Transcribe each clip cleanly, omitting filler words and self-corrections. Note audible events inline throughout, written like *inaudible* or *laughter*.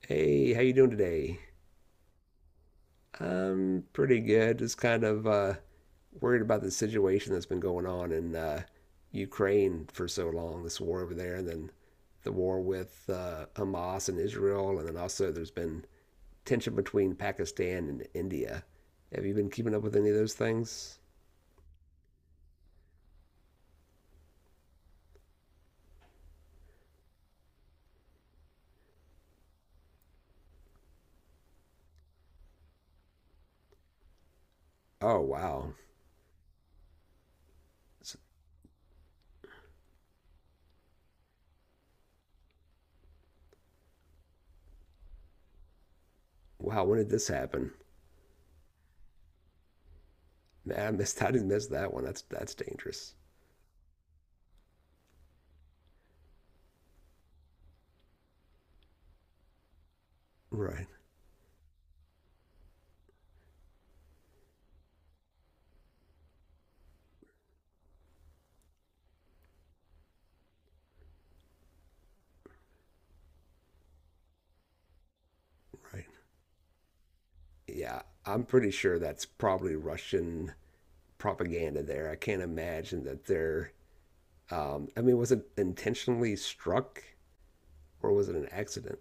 Hey, how you doing today? I'm pretty good. Just kind of worried about the situation that's been going on in Ukraine for so long, this war over there, and then the war with Hamas and Israel, and then also there's been tension between Pakistan and India. Have you been keeping up with any of those things? Oh, wow. S- Wow, when did this happen? Man, *laughs* I didn't miss that one. That's dangerous. Right, right. Yeah, I'm pretty sure that's probably Russian propaganda there. I can't imagine that they're. I mean, was it intentionally struck or was it an accident?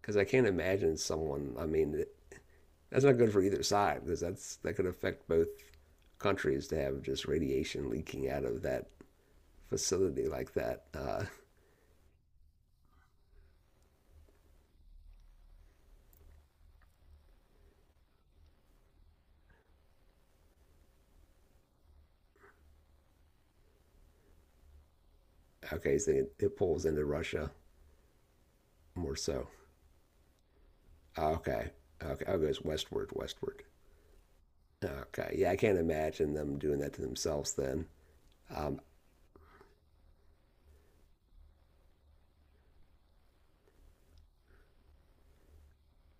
Because I can't imagine someone. I mean, that's not good for either side because that could affect both countries to have just radiation leaking out of that facility like that. Okay, so it pulls into Russia more so. Okay, okay, oh, it goes westward. Okay, yeah, I can't imagine them doing that to themselves then. Um,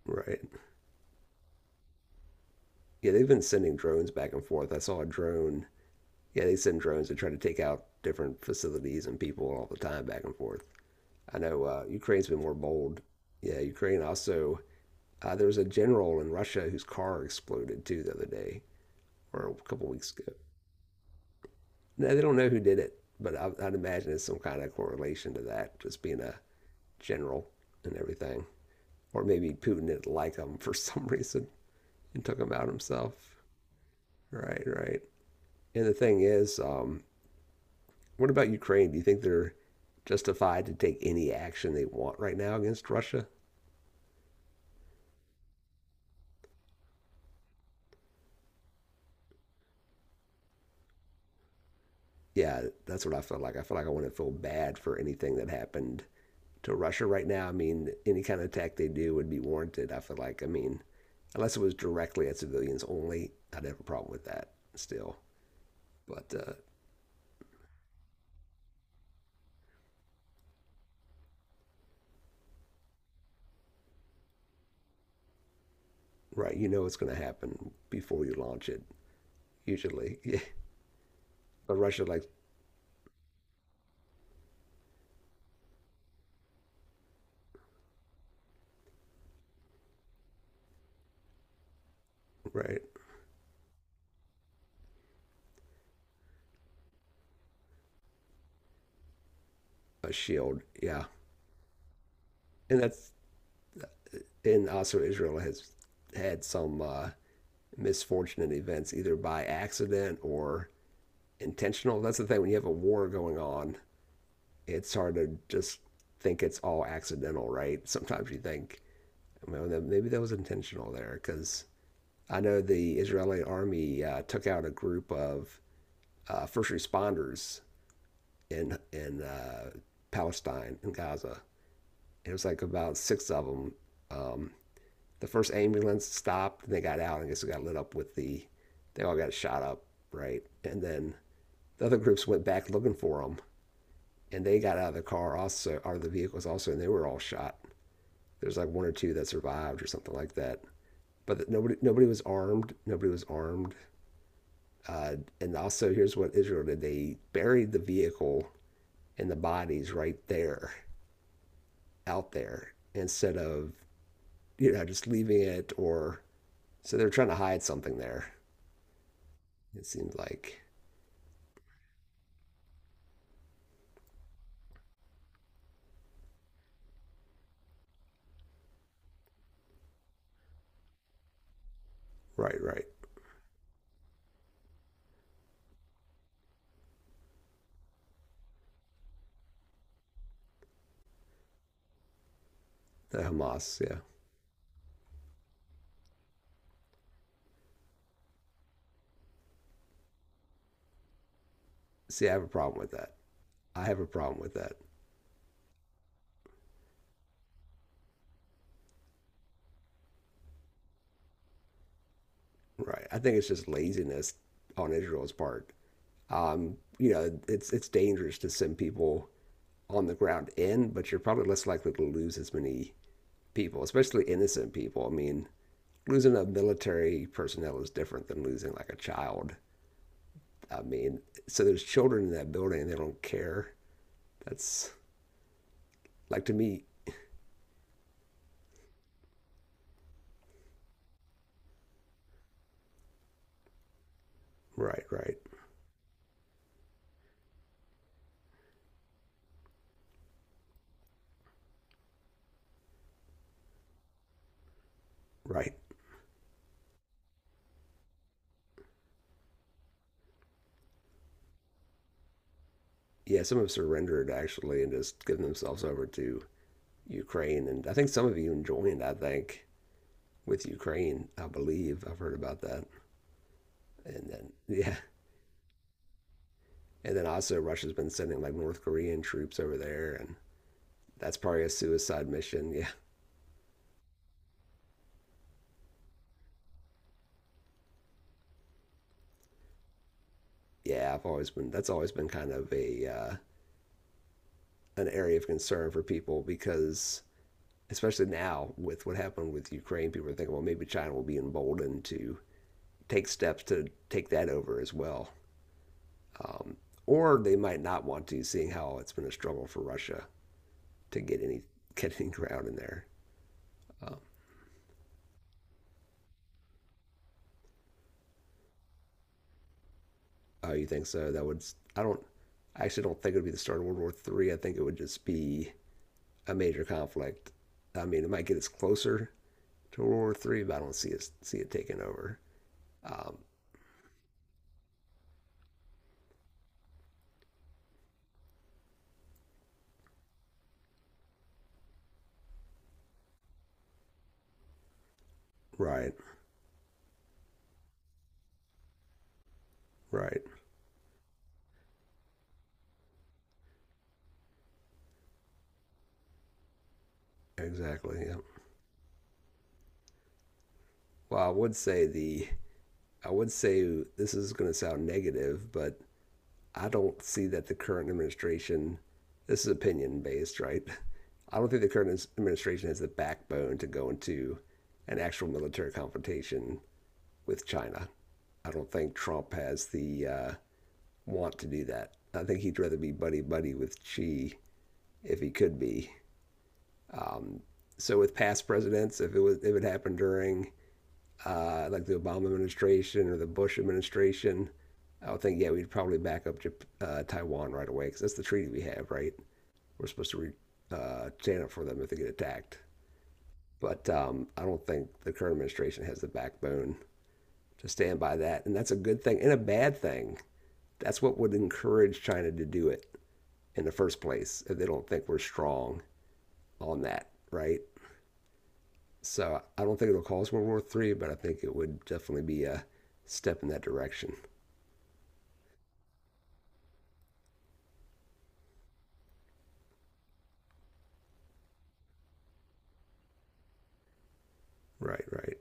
right. Yeah, they've been sending drones back and forth. I saw a drone. Yeah, they send drones to try to take out different facilities and people all the time back and forth. I know Ukraine's been more bold. Yeah, Ukraine also. There was a general in Russia whose car exploded too the other day, or a couple weeks ago. Now they don't know who did it, but I'd imagine it's some kind of correlation to that, just being a general and everything. Or maybe Putin didn't like him *laughs* for some reason and took him out himself. Right, right. And the thing is, what about Ukraine? Do you think they're justified to take any action they want right now against Russia? Yeah, that's what I feel like. I feel like I want to feel bad for anything that happened to Russia right now. I mean, any kind of attack they do would be warranted. I feel like, I mean, unless it was directly at civilians only, I'd have a problem with that still. But, right, you know what's going to happen before you launch it, usually. *laughs* Yeah. But Russia, like, right, a shield. Yeah. And that's, and also Israel has had some, misfortunate events, either by accident or intentional. That's the thing when you have a war going on, it's hard to just think it's all accidental, right? Sometimes you think, well, maybe that was intentional there because I know the Israeli army took out a group of first responders in Palestine in Gaza. It was like about six of them. Um, the first ambulance stopped and they got out. And I guess it got lit up with the. They all got shot up, right? And then the other groups went back looking for them, and they got out of the car also, out of the vehicles also, and they were all shot. There's like one or two that survived or something like that. But nobody, nobody was armed. Nobody was armed. And also, here's what Israel did: they buried the vehicle and the bodies right there, out there, instead of just leaving it or so they're trying to hide something there. It seems like right, right, the Hamas. Yeah. See, I have a problem with that. I have a problem with that. Right. I think it's just laziness on Israel's part. It's dangerous to send people on the ground in, but you're probably less likely to lose as many people, especially innocent people. I mean, losing a military personnel is different than losing like a child. I mean, so there's children in that building and they don't care. That's like to me, right, right, right. Yeah, some have surrendered actually and just given themselves over to Ukraine, and I think some have even joined. I think with Ukraine, I believe. I've heard about that. And then, *laughs* yeah. And then also, Russia's been sending like North Korean troops over there, and that's probably a suicide mission. *laughs* Yeah. Yeah. That's always been kind of an area of concern for people because, especially now with what happened with Ukraine, people are thinking, well, maybe China will be emboldened to take steps to take that over as well. Um, or they might not want to, seeing how it's been a struggle for Russia to get any *laughs* get any ground in there. Oh, you think so? That would I don't I actually don't think it would be the start of World War III. I think it would just be a major conflict. I mean, it might get us closer to World War III, but I don't see it taking over. Um, right, right, exactly. Yeah. Well, I would say this is going to sound negative, but I don't see that the current administration. This is opinion based, right? *laughs* I don't think the current administration has the backbone to go into an actual military confrontation with China. I don't think Trump has the want to do that. I think he'd rather be buddy buddy with Xi if he could be. So with past presidents, if it happened during like the Obama administration or the Bush administration, I would think yeah we'd probably back up Taiwan right away because that's the treaty we have, right? We're supposed to stand up for them if they get attacked. But I don't think the current administration has the backbone to stand by that, and that's a good thing and a bad thing. That's what would encourage China to do it in the first place if they don't think we're strong on that, right? So I don't think it'll cause World War III, but I think it would definitely be a step in that direction. Right, right.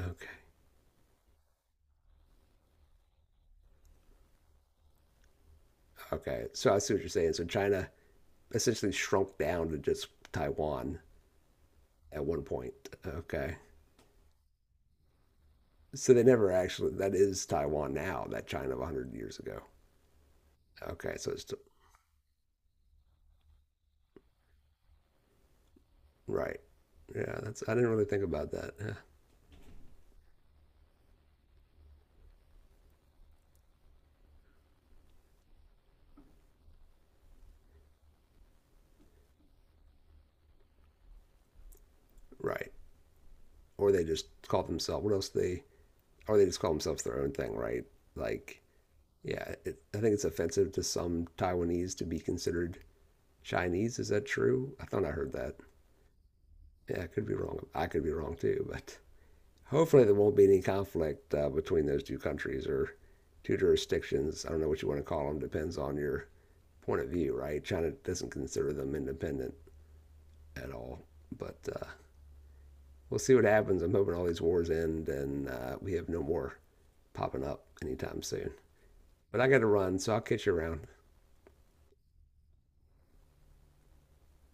Okay. Okay. So I see what you're saying. So China essentially shrunk down to just Taiwan at one point. Okay. So they never actually, that is Taiwan now, that China of 100 years ago. Okay. So it's, right. Yeah. That's, I didn't really think about that. Huh. Right. or they just call themselves what else they or they just call themselves their own thing, right? Like, yeah, I think it's offensive to some Taiwanese to be considered Chinese. Is that true? I thought I heard that. Yeah, I could be wrong. I could be wrong too, but hopefully there won't be any conflict between those two countries or two jurisdictions. I don't know what you want to call them. Depends on your point of view, right? China doesn't consider them independent at all, but we'll see what happens. I'm hoping all these wars end and we have no more popping up anytime soon. But I got to run, so I'll catch you around.